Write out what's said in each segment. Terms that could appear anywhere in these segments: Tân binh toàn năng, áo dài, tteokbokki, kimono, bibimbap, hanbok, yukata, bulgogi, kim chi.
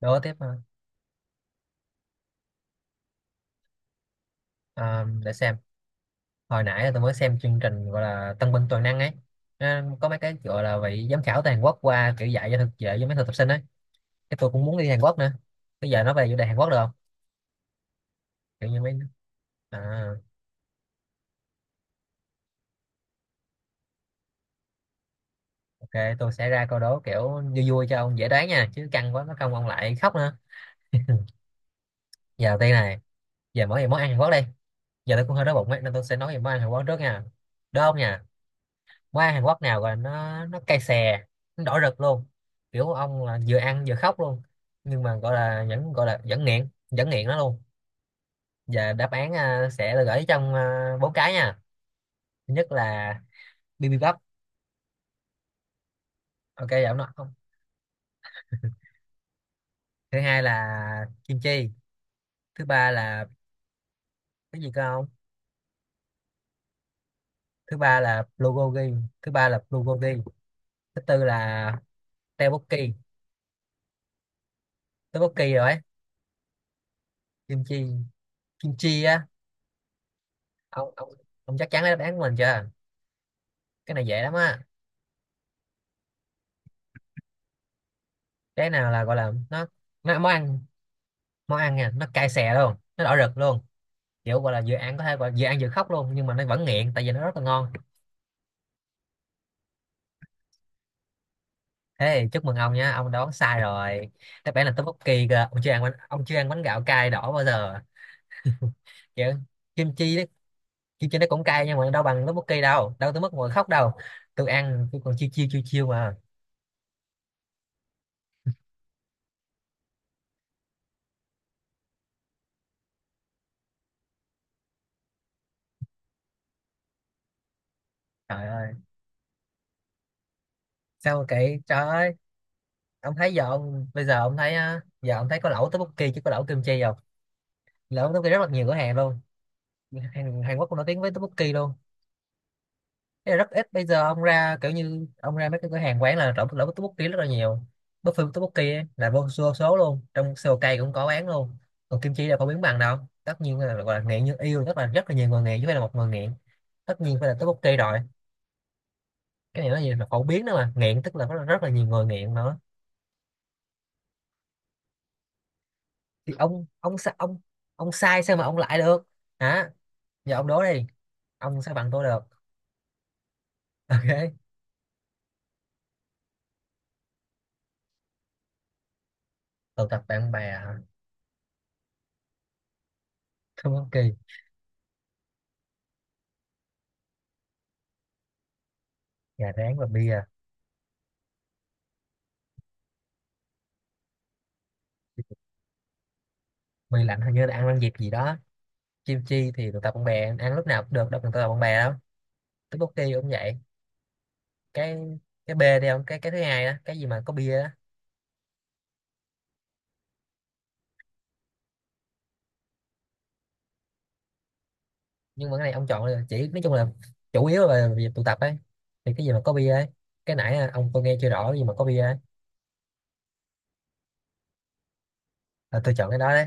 Đố tiếp ha. Để xem, hồi nãy là tôi mới xem chương trình gọi là Tân binh toàn năng ấy. Nó có mấy cái gọi là vị giám khảo từ Hàn Quốc qua, kiểu dạy cho mấy thực tập sinh ấy. Cái tôi cũng muốn đi Hàn Quốc nữa. Bây giờ nó về chủ đề Hàn Quốc được không? Kiểu như mấy... à, OK, tôi sẽ ra câu đố kiểu vui vui cho ông dễ đoán nha, chứ căng quá nó không ông lại khóc nữa. Giờ đầu tiên này, giờ mỗi về món ăn Hàn Quốc đi. Giờ tôi cũng hơi đói bụng ấy, nên tôi sẽ nói về món ăn Hàn Quốc trước nha. Đúng không nhỉ? Qua Hàn Quốc nào gọi là nó cay xè, nó đỏ rực luôn, kiểu ông là vừa ăn vừa khóc luôn, nhưng mà gọi là vẫn nghiện nó luôn. Và đáp án sẽ là gửi trong bốn cái nha. Thứ nhất là bibimbap. OK giọng nó không. Thứ hai là kim chi. Thứ ba là... cái gì cơ không. Thứ ba là bulgogi thứ ba là bulgogi Thứ tư là tteokbokki. Tteokbokki rồi. Kim chi. Kim chi á. Ông ông ông chắc chắn lấy đáp án của mình chưa? Cái này dễ lắm á. Cái nào là gọi là nó món ăn, món ăn nha, nó cay xè luôn, nó đỏ rực luôn, kiểu gọi là vừa ăn có thể gọi là vừa ăn vừa khóc luôn nhưng mà nó vẫn nghiện tại vì nó rất là ngon. Thế thì chúc mừng ông nha, ông đoán sai rồi. Đáp án là tteokbokki cơ. Ông chưa ăn bánh gạo cay đỏ bao giờ. Kiểu kim chi đấy, kim chi nó cũng cay nhưng mà đâu bằng tteokbokki, đâu đâu tới mức ngồi khóc đâu. Tôi ăn tôi còn chiêu chiêu chiêu chiêu mà. Trời ơi, sao mà kỹ trời ơi. Ông thấy giờ ông Bây giờ ông thấy á, giờ ông thấy có lẩu tteokbokki chứ có lẩu kim chi không? Lẩu tteokbokki rất là nhiều cửa hàng luôn. Hàn Quốc cũng nổi tiếng với tteokbokki luôn. Thế là rất ít, bây giờ ông ra kiểu như ông ra mấy cái cửa hàng quán là trộn lẩu với tteokbokki rất là nhiều. Buffet tteokbokki ấy, là vô số luôn, trong Seoul cũng có bán luôn. Còn kim chi là không biến bằng đâu. Tất nhiên là gọi là nghiện như yêu, rất là nhiều người nghiện chứ không phải là một người nghiện. Tất nhiên phải là tteokbokki rồi. Cái này nó gì mà phổ biến nữa mà nghiện, tức là rất là nhiều người nghiện nữa. Thì ông sai sao mà ông lại được. Hả? Giờ ông đố đi. Ông sao bằng tôi được. OK. Tụ tập bạn bè. Tteokbokki. Gà rán và bia. Bia lạnh hình như là ăn ăn dịp gì đó. Chim chi thì tụ tập bạn bè ăn lúc nào cũng được, đâu cần tụ tập bạn bè đâu. Tteokbokki cũng vậy. Cái cái bê đi ông, cái thứ hai đó, cái gì mà có bia đó. Nhưng mà cái này ông chọn là chỉ nói chung là chủ yếu là về việc tụ tập ấy, thì cái gì mà có bia ấy. Cái nãy ông, tôi nghe chưa rõ, cái gì mà có bia ấy là tôi chọn cái đó đấy.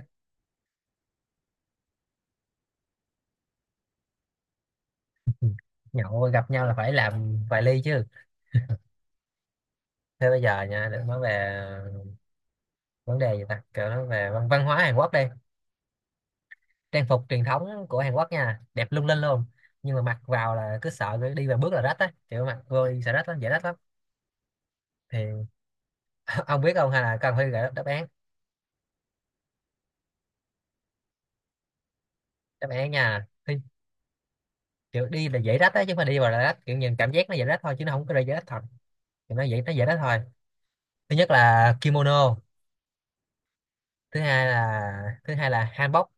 Nhậu gặp nhau là phải làm vài ly chứ. Thế bây giờ nha, để nói về vấn đề gì ta, kiểu nói về văn hóa Hàn Quốc đi. Trang phục truyền thống của Hàn Quốc nha, đẹp lung linh luôn, nhưng mà mặc vào là cứ sợ đi vài bước là rách á, kiểu mặc vô đi sợ rách lắm, dễ rách lắm. Thì ông biết không, hay là cần phải gợi đáp án? Đáp án nha, thì kiểu đi là dễ rách á chứ không phải đi vào là rách, kiểu nhìn cảm giác nó dễ rách thôi chứ nó không có ra dễ rách thật. Thì nó dễ, nó dễ rách thôi. Thứ nhất là kimono. Thứ hai là hanbok.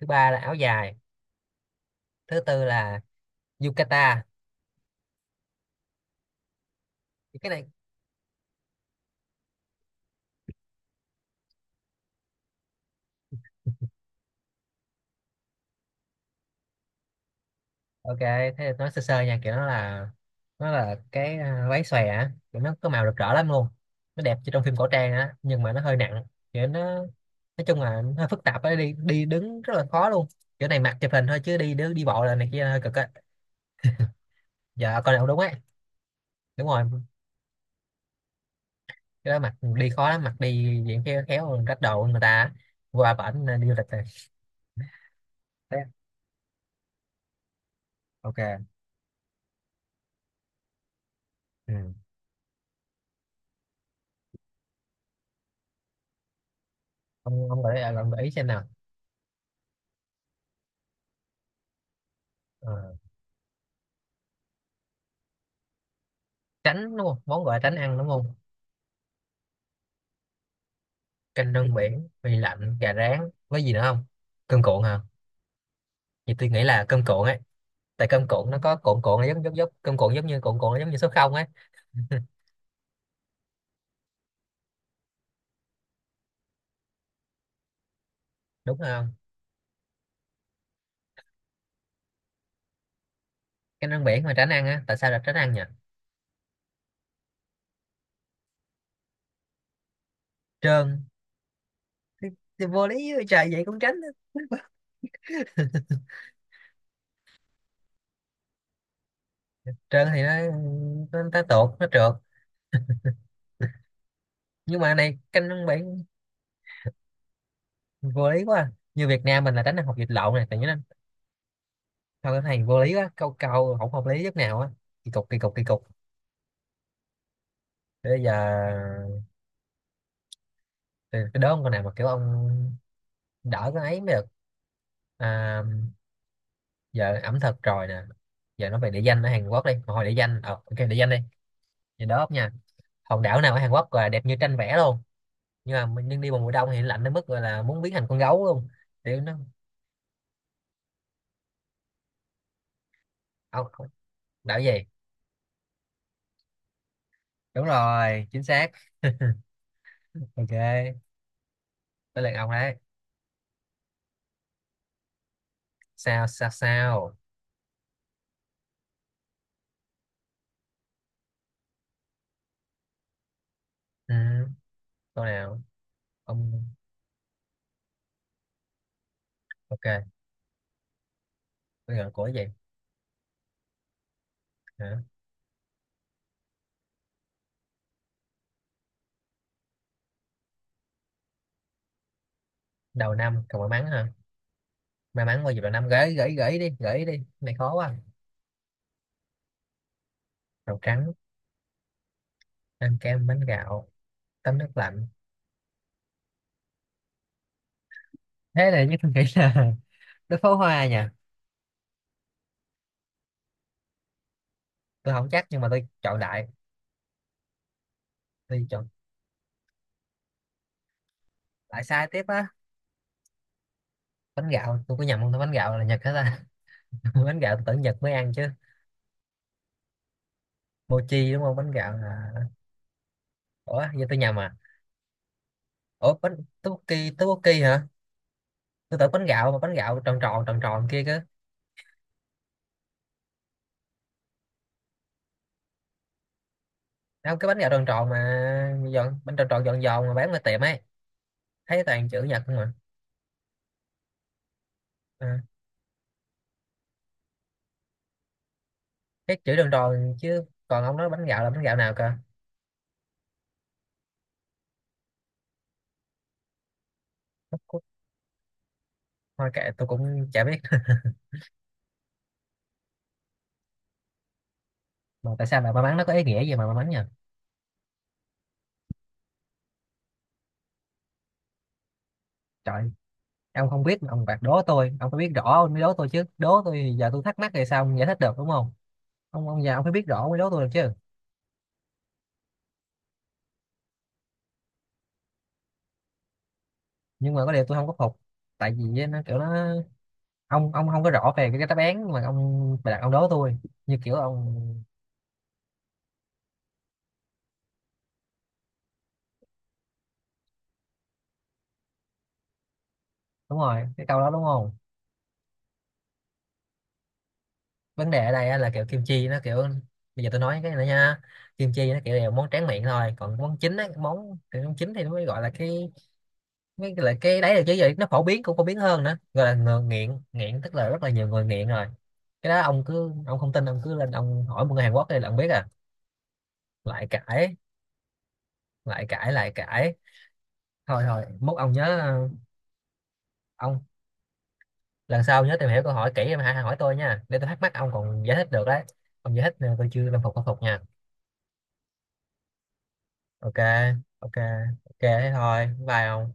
Thứ ba là áo dài. Thứ tư là yukata. Thì cái này... OK thế thì nói sơ sơ nha, kiểu nó là, nó là cái váy xòe á, kiểu nó có màu rực rỡ lắm luôn, nó đẹp như trong phim cổ trang á nhưng mà nó hơi nặng, kiểu nó, nói chung là nó hơi phức tạp á, đi đi đứng rất là khó luôn, kiểu này mặc chụp hình thôi chứ đi đứng đi bộ là này kia hơi cực á. Giờ con nào đúng ấy? Đúng rồi, cái đó mặc đi khó lắm, mặc đi diện khéo khéo rách đồ người ta á. Qua bển đi du lịch rồi. Thế. OK. Ừ. ông gợi ý xem nào. Ờ, Tránh đúng không, món gọi là tránh ăn đúng không? Canh rong biển, mì lạnh, gà rán, với gì nữa không, cơm cuộn hả? Thì tôi nghĩ là cơm cuộn ấy, tại cơm cuộn nó có cuộn cuộn, nó giống giống giống cơm cuộn, giống như cuộn cuộn nó giống như số không ấy. Đúng không? Canh rong biển mà tránh ăn á, tại sao là tránh ăn nhỉ? Trơn? Thì vô lý vậy trời, vậy cũng tránh á. Trơn thì nó, tuột, nó trượt. Nhưng mà này, canh rong biển vô lý quá, như Việt Nam mình là tránh ăn hột vịt lộn này tại nhớ nên... Thôi cái này vô lý quá, câu câu không hợp lý chút nào á. Kỳ cục, kỳ cục, kỳ cục. Thế bây giờ tôi đố ông con nào mà kiểu ông đỡ cái ấy mới được. à, Giờ ẩm thực rồi nè, giờ nói về địa danh ở Hàn Quốc đi. Mà hồi địa danh OK, địa danh đi. Thì đó nha, hòn đảo nào ở Hàn Quốc là đẹp như tranh vẽ luôn, nhưng mà nhưng đi vào mùa đông thì lạnh đến mức gọi là muốn biến thành con gấu luôn, kiểu nó... ông ông- Đảo gì? Đúng rồi, chính xác. OK, tới lượt ông đấy. Sao sao sao? Ừ, câu nào? Ông... OK bây giờ của cái gì? Hả? Đầu năm còn may mắn hả? May mắn bao giờ, đầu năm, gửi gửi gửi đi gửi đi. Cái này khó quá. Màu trắng? Ăn kem bánh gạo? Tắm nước lạnh? Thế này nhất tôi nghĩ là nước pháo hoa nha. Tôi không chắc nhưng mà tôi chọn đại. Tôi chọn đại sai tiếp á. Bánh gạo tôi có nhầm không ta, bánh gạo là Nhật hết ta. Bánh gạo tôi tưởng Nhật mới ăn chứ. Mochi đúng không, bánh gạo là... Ủa giờ tôi nhầm à? Ủa bánh... tteokbokki tteokbokki hả? Tôi tưởng bánh gạo mà bánh gạo tròn tròn tròn tròn kia cơ. Không, cái bánh gạo tròn tròn mà giòn, bánh tròn tròn giòn giòn mà bán ở tiệm ấy, thấy toàn chữ Nhật không mà. à, cái chữ tròn tròn chứ, còn ông nói bánh gạo là bánh gạo nào cơ? Thôi kệ tôi cũng chả biết. Mà tại sao lại may mắn, nó có ý nghĩa gì mà may mắn nhỉ? Trời. Ông không biết mà ông bạc đố tôi, ông phải biết rõ ông mới đố tôi chứ, đố tôi thì giờ tôi thắc mắc thì sao ông giải thích được, đúng không? Ông già, ông phải biết rõ ông mới đố tôi được chứ. Nhưng mà có điều tôi không có phục, tại vì á, nó kiểu nó, ông không có rõ về cái đáp án mà ông bạc ông đố tôi, như kiểu ông... Đúng rồi, cái câu đó đúng không? Vấn đề ở đây á là kiểu kim chi nó kiểu... bây giờ tôi nói cái này nha, kim chi nó kiểu là món tráng miệng thôi, còn món chính á, món chính thì nó mới gọi là cái... Mấy cái lại cái đấy là chứ, giờ nó phổ biến, cũng phổ biến hơn nữa, gọi là ngờ- nghiện nghiện tức là rất là nhiều người nghiện rồi. Cái đó ông cứ, ông không tin ông cứ lên ông hỏi một người Hàn Quốc thì là ông biết à. Lại cãi, lại cãi, lại cãi. Thôi thôi mốt ông nhớ, ông lần sau nhớ tìm hiểu câu hỏi kỹ em hãy hỏi tôi nha, để tôi thắc mắc ông còn giải thích được đấy. Ông giải thích nè, tôi chưa làm phục, khắc phục nha. OK. OK. OK thế thôi, bye ông.